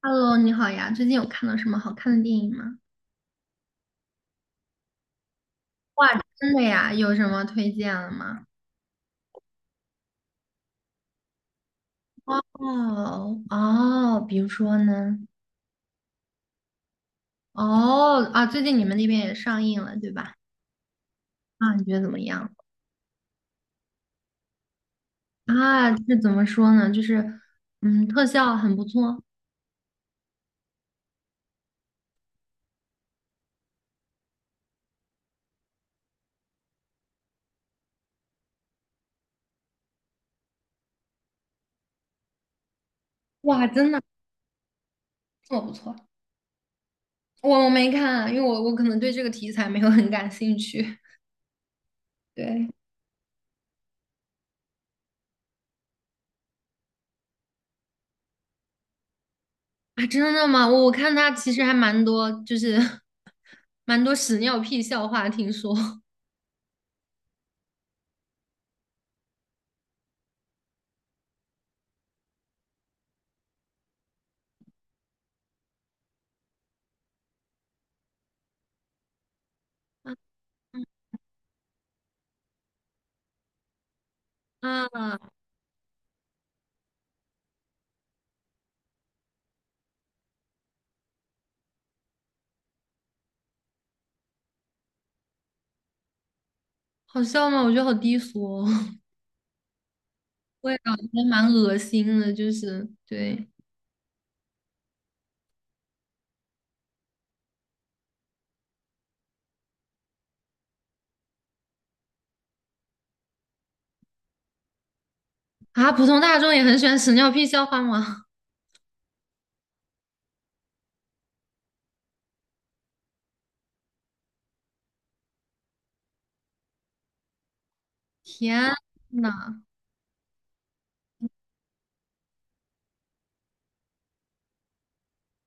Hello，你好呀，最近有看到什么好看的电影吗？哇，真的呀，有什么推荐了吗？哦哦，比如说呢？哦啊，最近你们那边也上映了，对吧？啊，你觉得怎么样？啊，这怎么说呢？就是特效很不错。哇，真的这么不错，我没看，因为我可能对这个题材没有很感兴趣。对啊，真的吗？我看他其实还蛮多，就是 蛮多屎尿屁笑话，听说。啊。好笑吗？我觉得好低俗哦，我也觉得蛮恶心的，就是对啊，普通大众也很喜欢屎尿屁笑话吗？天呐，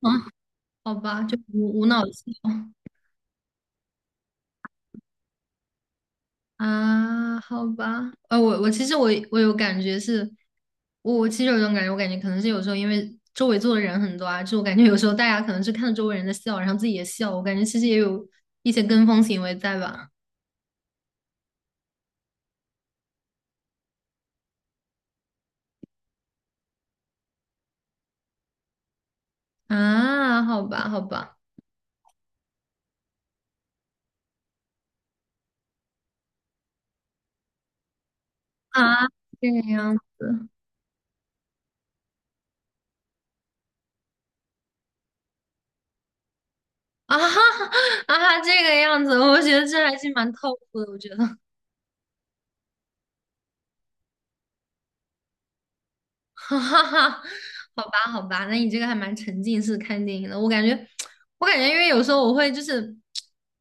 啊，好吧，就无脑笑啊，好吧，我其实我有感觉是，我其实有一种感觉，我感觉可能是有时候因为周围坐的人很多啊，就我感觉有时候大家可能是看着周围人在笑，然后自己也笑，我感觉其实也有一些跟风行为在吧？啊，好吧，好吧，啊，这个样子。啊哈哈啊哈，这个样子，我觉得这还是蛮透苦的。我觉得，哈哈哈，好吧，好吧，那你这个还蛮沉浸式看电影的。我感觉，我感觉，因为有时候我会就是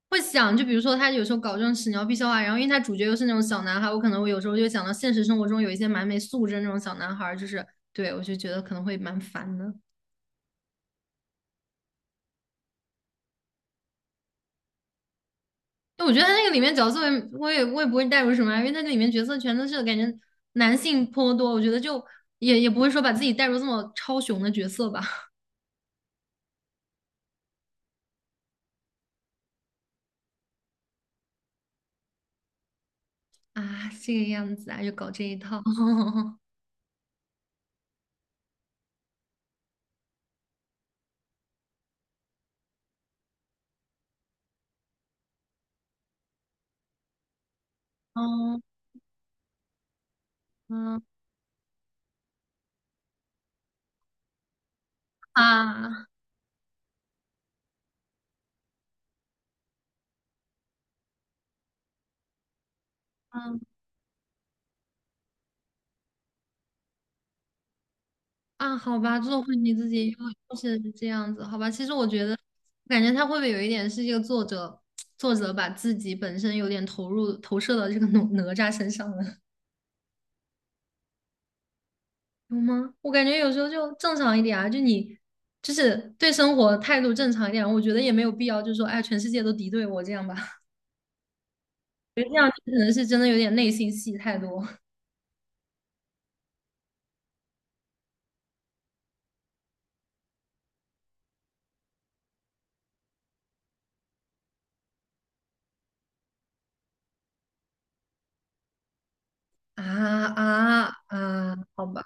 会想，就比如说他有时候搞这种屎尿屁笑话，然后因为他主角又是那种小男孩，我可能我有时候就想到现实生活中有一些蛮没素质的那种小男孩儿就是对我就觉得可能会蛮烦的。我觉得他那个里面角色我也，我也不会带入什么啊因为他那里面角色全都是感觉男性颇多，我觉得就也不会说把自己带入这么超雄的角色吧。啊，这个样子啊，就搞这一套。嗯嗯啊嗯啊，好吧，做回你自己，又是这样子，好吧。其实我觉得，我感觉他会不会有一点是这个作者把自己本身有点投入投射到这个哪吒身上了？有吗？我感觉有时候就正常一点啊，就你就是对生活态度正常一点，我觉得也没有必要，就是说，哎，全世界都敌对我这样吧，可能是真的有点内心戏太多啊啊啊，好吧，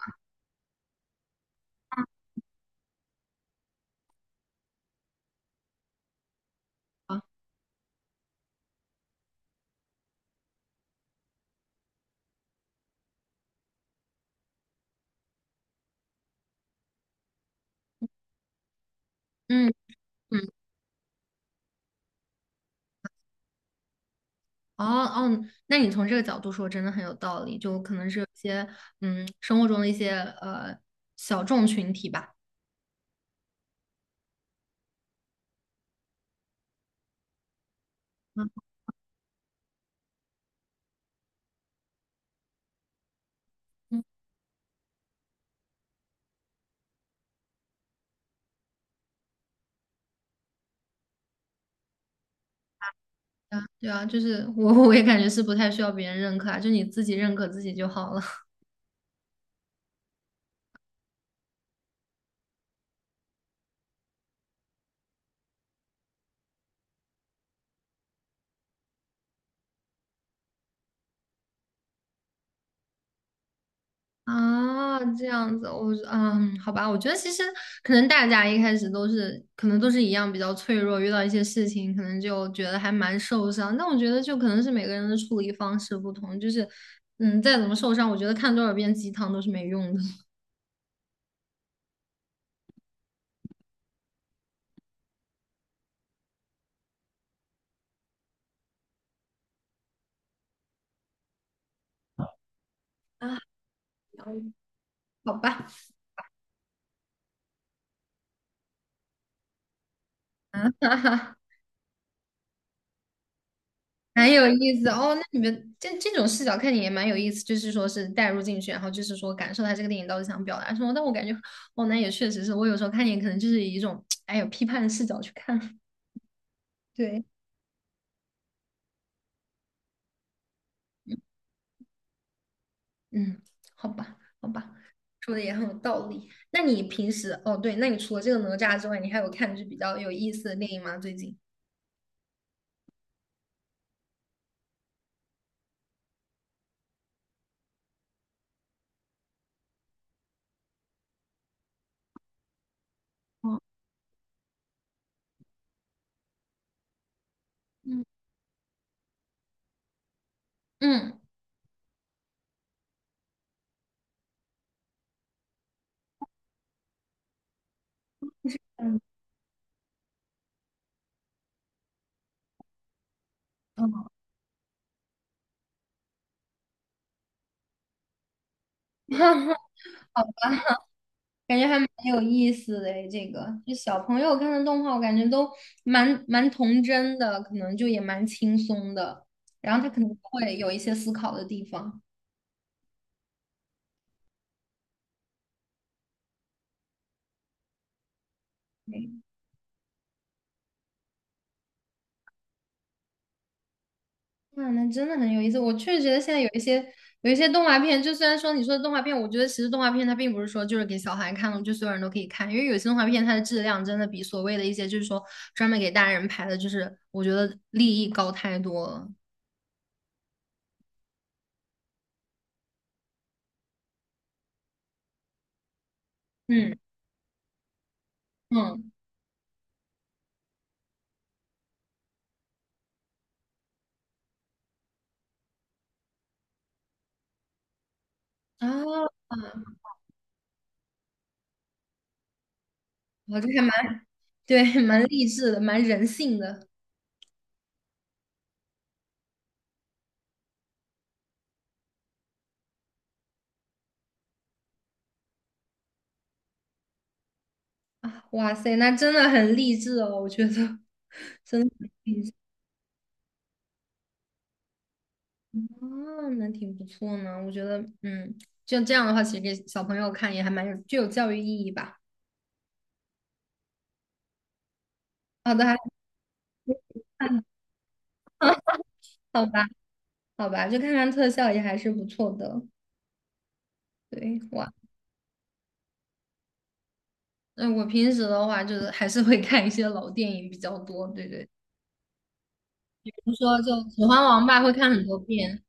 啊，嗯嗯，哦哦，那你从这个角度说，真的很有道理，就可能是有一些嗯生活中的一些呃小众群体吧，嗯，对啊，就是我 我也感觉是不太需要别人认可啊，就你自己认可自己就好了。啊，这样子，我嗯，好吧，我觉得其实可能大家一开始都是，可能都是一样比较脆弱，遇到一些事情，可能就觉得还蛮受伤。但我觉得就可能是每个人的处理方式不同，就是嗯，再怎么受伤，我觉得看多少遍鸡汤都是没用的。啊，好吧，哈哈。蛮有意思的哦。那你们这种视角看你也蛮有意思，就是说是带入进去，然后就是说感受他这个电影到底想表达什么。但我感觉，哦，那也确实是我有时候看你可能就是以一种哎有批判的视角去看。对，嗯，好吧，好吧，说的也很有道理。那你平时哦，对，那你除了这个哪吒之外，你还有看就是比较有意思的电影吗？最近？哦嗯嗯，嗯嗯。感觉还蛮有意思的诶，这个就小朋友看的动画，我感觉都蛮童真的，可能就也蛮轻松的，然后他可能会有一些思考的地方。嗯，那那真的很有意思。我确实觉得现在有一些动画片，就虽然说你说的动画片，我觉得其实动画片它并不是说就是给小孩看的，就所有人都可以看，因为有些动画片它的质量真的比所谓的一些就是说专门给大人拍的，就是我觉得利益高太多了。嗯嗯啊，我这还蛮。对，蛮励志的，蛮人性的啊！哇塞，那真的很励志哦，我觉得 真的啊，那挺不错呢。我觉得，嗯，就这样的话，其实给小朋友看也还蛮有具有教育意义吧。好的，还看好吧，好吧，就看看特效也还是不错的。对，哇，那我平时的话就是还是会看一些老电影比较多。对对，比如说就《指环王》吧，会看很多遍。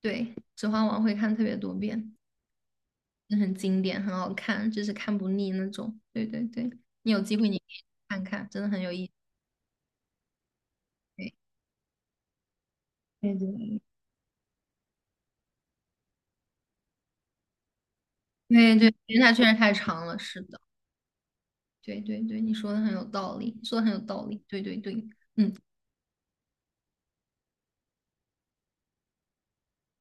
对，《指环王》会看特别多遍。是很经典，很好看，就是看不腻那种。对对对，你有机会你可以看看，真的很有意思。对对对，对对，因为它确实太长了。是的，对对对，你说的很有道理，说的很有道理。对对对，嗯，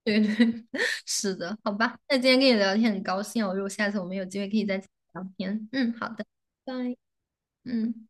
对对，是的，好吧。那今天跟你聊天很高兴哦，如果下次我们有机会可以再聊天。嗯，好的，拜。嗯。